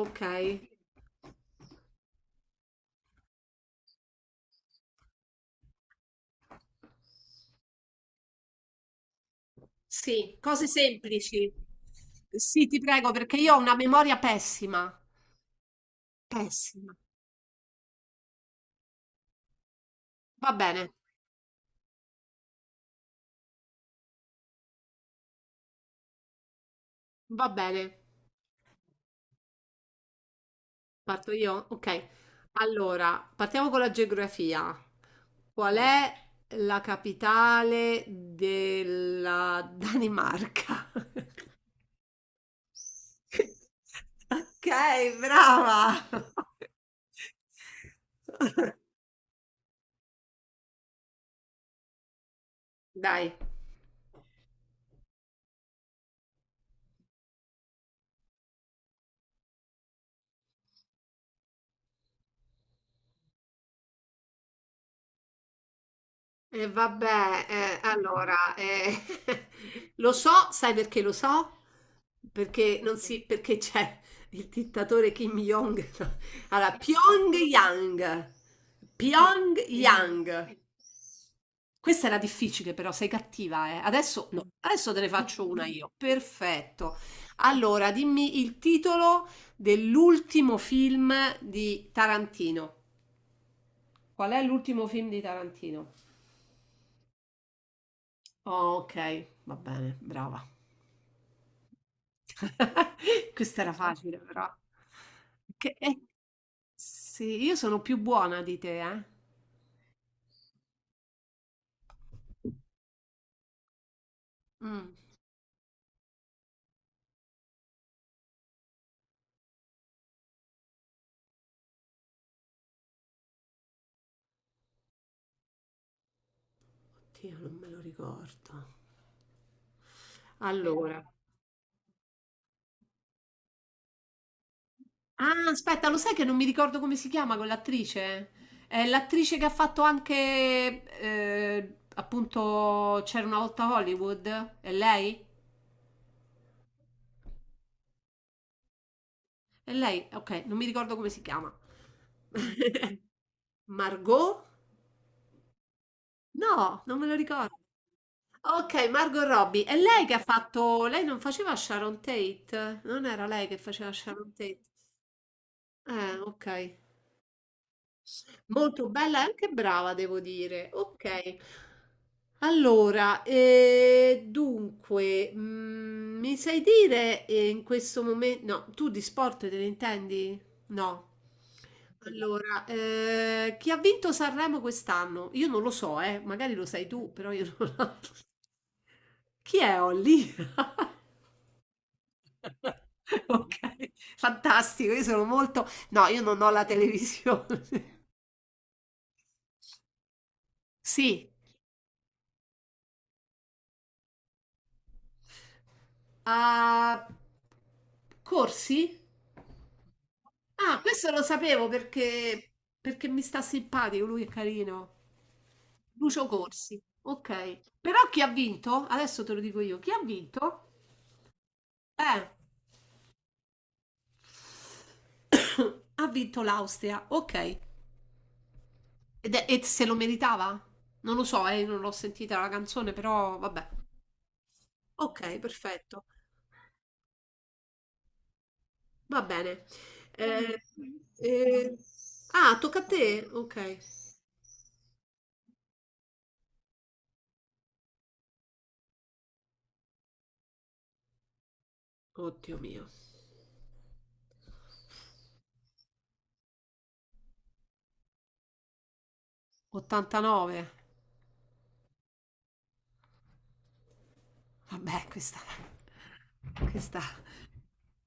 Ok. Sì, cose semplici. Sì, ti prego, perché io ho una memoria pessima. Pessima. Va bene, va bene. Parto io? Ok. Allora, partiamo con la geografia. Qual è la capitale della Danimarca? Ok, brava. Dai. E vabbè, allora, lo so, sai perché lo so? Perché non si, perché c'è il dittatore Kim Jong. No. Allora, Pyongyang. Pyongyang. Questa era difficile, però sei cattiva, eh. Adesso no, adesso te ne faccio una io. Perfetto. Allora, dimmi il titolo dell'ultimo film di Tarantino. Qual è l'ultimo film di Tarantino? Oh, okay, va bene, brava. Questa era facile però. Che sì, io sono più buona di te, eh. Mm. Oddio, non me lo ricordo. Allora, ah, aspetta, lo sai che non mi ricordo come si chiama quell'attrice? È l'attrice che ha fatto anche, appunto, C'era una volta Hollywood? È lei? È lei? Ok, non mi ricordo come si chiama. Margot? No, non me lo ricordo. Ok, Margot Robbie. È lei che ha fatto... Lei non faceva Sharon Tate? Non era lei che faceva Sharon Tate? Ok. Molto bella e anche brava, devo dire. Ok. Allora, dunque, mi sai dire in questo momento... No, tu di sport te ne intendi? No. Allora, chi ha vinto Sanremo quest'anno? Io non lo so, magari lo sai tu, però io non... Chi è Holly? Ok, fantastico, io sono molto no, io non ho la televisione. Sì, a Corsi? Ah, questo lo sapevo perché mi sta simpatico, lui è carino. Lucio Corsi. Okay. Però chi ha vinto? Adesso te lo dico io. Chi ha vinto? Eh. Ha vinto l'Austria. Ok. E se lo meritava? Non lo so, non l'ho sentita la canzone, però vabbè. Ok, perfetto. Va bene. Eh, eh, Ah, tocca a te. Ok. Oddio mio. 89. Vabbè, questa... Questa...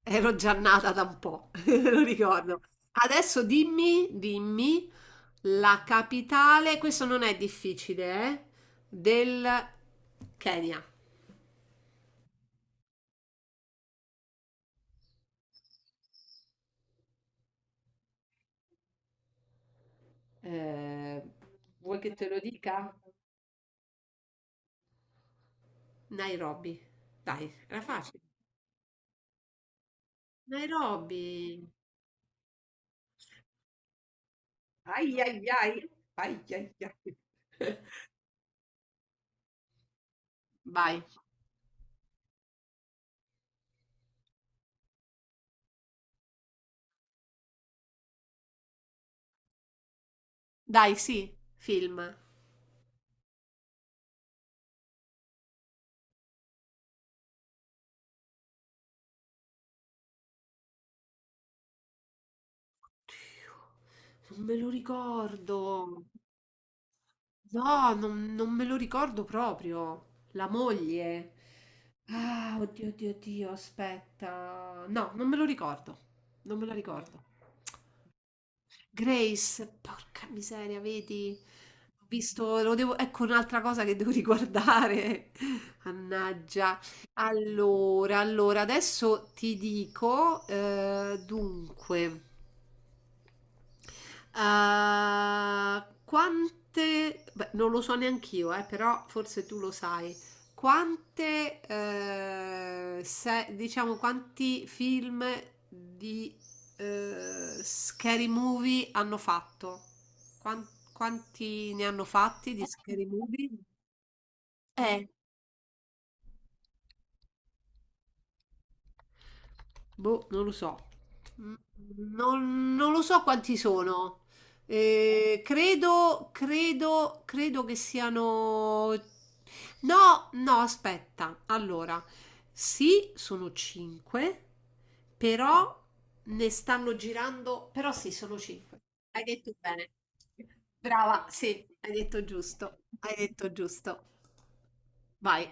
Ero già nata da un po', lo ricordo. Adesso dimmi, la capitale, questo non è difficile, del Kenya. Ehm, vuoi che te lo dica? Nairobi. Dai, era facile. Nairobi. Ai ai ai, ai ai ai. Vai. Dai, sì, film. Dio, non me lo ricordo. No, non me lo ricordo proprio. La moglie. Ah, oddio, oddio, oddio, aspetta. No, non me lo ricordo. Non me lo ricordo. Grace, porca miseria, vedi? Ho visto, lo devo, ecco un'altra cosa che devo riguardare. Mannaggia. Allora, adesso ti dico, dunque. Quante, beh, non lo so neanch'io, però forse tu lo sai. Quante, diciamo, quanti film di scary movie hanno fatto? Quan- Quanti ne hanno fatti di scary movie? Boh, non lo so. Mm, non lo so quanti sono. Credo che siano... No, no, aspetta. Allora, sì, sono 5, però ne stanno girando... Però sì, sono 5. Hai detto bene. Brava, sì, hai detto giusto. Hai detto giusto. Vai.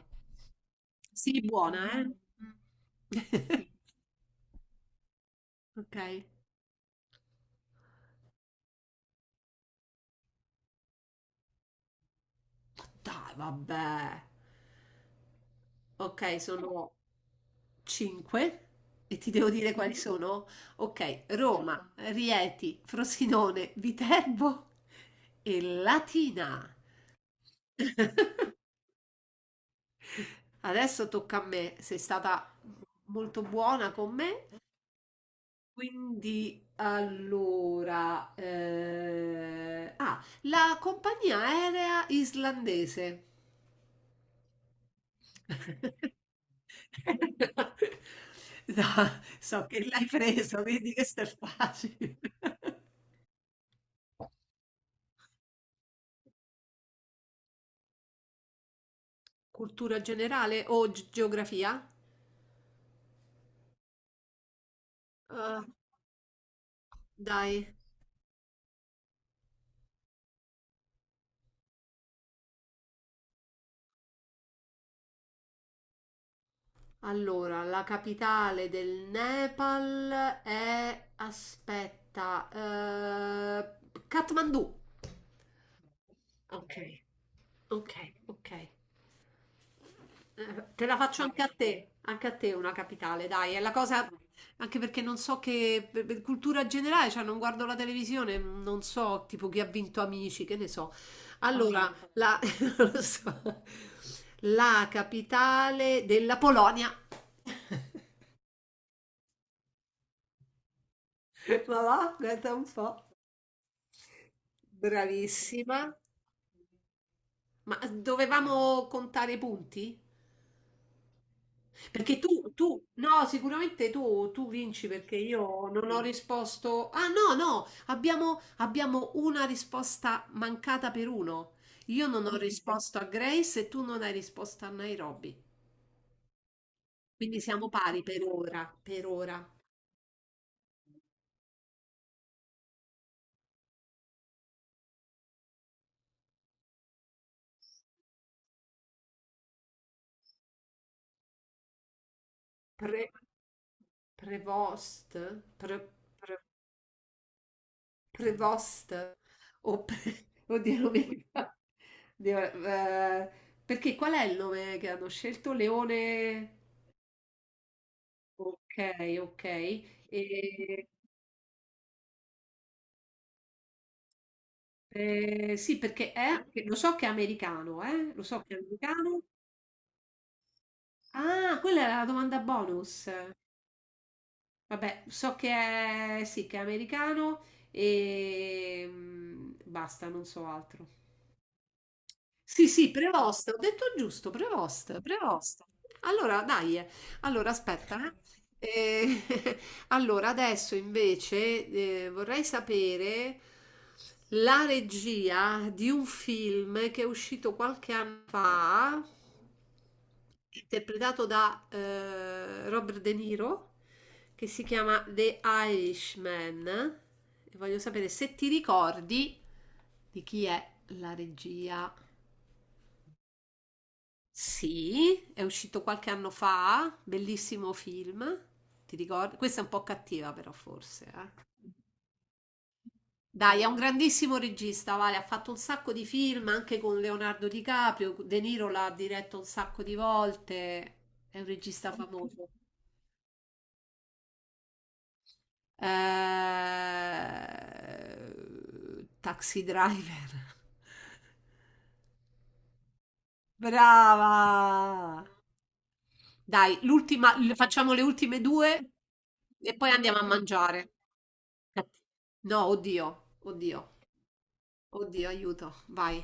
Sii buona, eh? Ok. Dai, vabbè. Ok, sono 5 e ti devo dire quali Mhm. sono? Ok, Roma, Rieti, Frosinone, Viterbo e Latina. Adesso tocca a me, sei stata molto buona con me, quindi allora... ah, la compagnia aerea islandese. So so che l'hai preso, vedi questo è facile. Cultura generale o geografia? Ah, dai, allora, la capitale del Nepal è... Aspetta, Kathmandu. Ok, ok. Te la faccio anche a te una capitale, dai, è la cosa, anche perché non so che, per cultura generale, cioè non guardo la televisione, non so tipo chi ha vinto Amici, che ne so. Allora, la, non lo so. La capitale della Polonia. Ma va, guarda un po'. Bravissima. Ma dovevamo contare i punti? Perché no, sicuramente tu vinci perché io non ho risposto. Ah, no, no, abbiamo una risposta mancata per uno. Io non ho risposto a Grace e tu non hai risposto a Nairobi. Quindi siamo pari per ora, per ora. Pre- prevost? Pre- pre- prevost? Oddio, non mi ricordo. Oddio, eh, perché qual è il nome che hanno scelto? Leone... Okay, okay. E, sì, perché è anche lo so che è americano, lo so che è americano. Ah, quella era la domanda bonus. Vabbè, so che è sì, che è americano e, mhmm, basta, non so altro. Sì, sì, Prevost, ho detto giusto, Prevost, Prevost. Allora, dai, eh. Allora aspetta. Eh. Eh, allora, adesso invece vorrei sapere la regia di un film che è uscito qualche anno fa, interpretato da Robert De Niro, che si chiama The Irishman. E voglio sapere se ti ricordi di chi è la regia. Sì, è uscito qualche anno fa, bellissimo film. Ti ricordi? Questa è un po' cattiva, però, forse. Eh. Dai, è un grandissimo regista, Vale. Ha fatto un sacco di film anche con Leonardo DiCaprio. De Niro l'ha diretto un sacco di volte. È un regista famoso. Taxi Driver. Brava! Dai, l'ultima, facciamo le ultime due e poi andiamo a mangiare. No, oddio, oddio, oddio, aiuto, vai.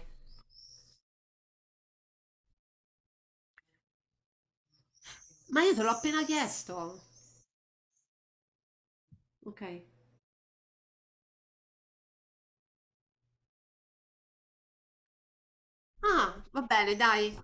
Ma io te l'ho appena chiesto. Ok. Ah, va bene, dai.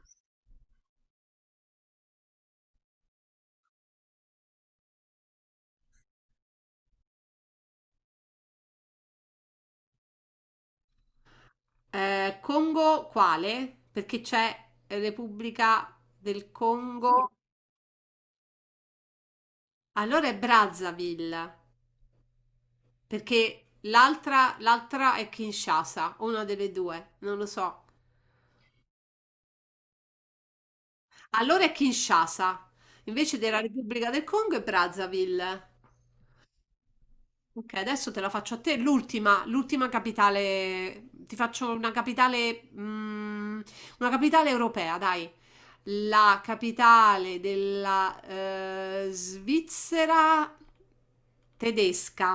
Congo quale? Perché c'è Repubblica del Congo. Allora è Brazzaville, perché l'altra è Kinshasa, o una delle due, non lo so. Allora è Kinshasa, invece della Repubblica del Congo è Brazzaville. Ok, adesso te la faccio a te. L'ultima, l'ultima capitale, ti faccio una capitale, una capitale europea, dai. La capitale della Svizzera tedesca.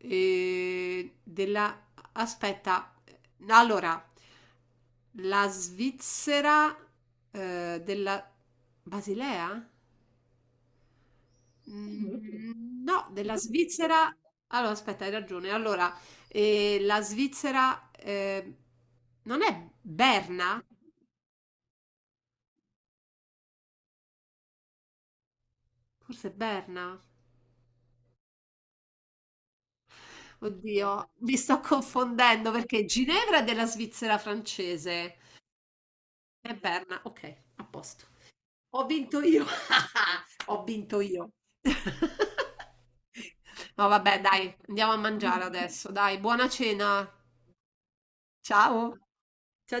Eh, della... Aspetta, allora, la Svizzera della Basilea? Mm, no, della Svizzera. Allora, aspetta, hai ragione. Allora, la Svizzera non è Berna? Forse è Berna. Oddio, mi sto confondendo perché Ginevra è della Svizzera francese. È Berna. Ok, a posto. Ho vinto io. Ho vinto io. No, vabbè, dai, andiamo a mangiare adesso. Dai, buona cena. Ciao. Ciao.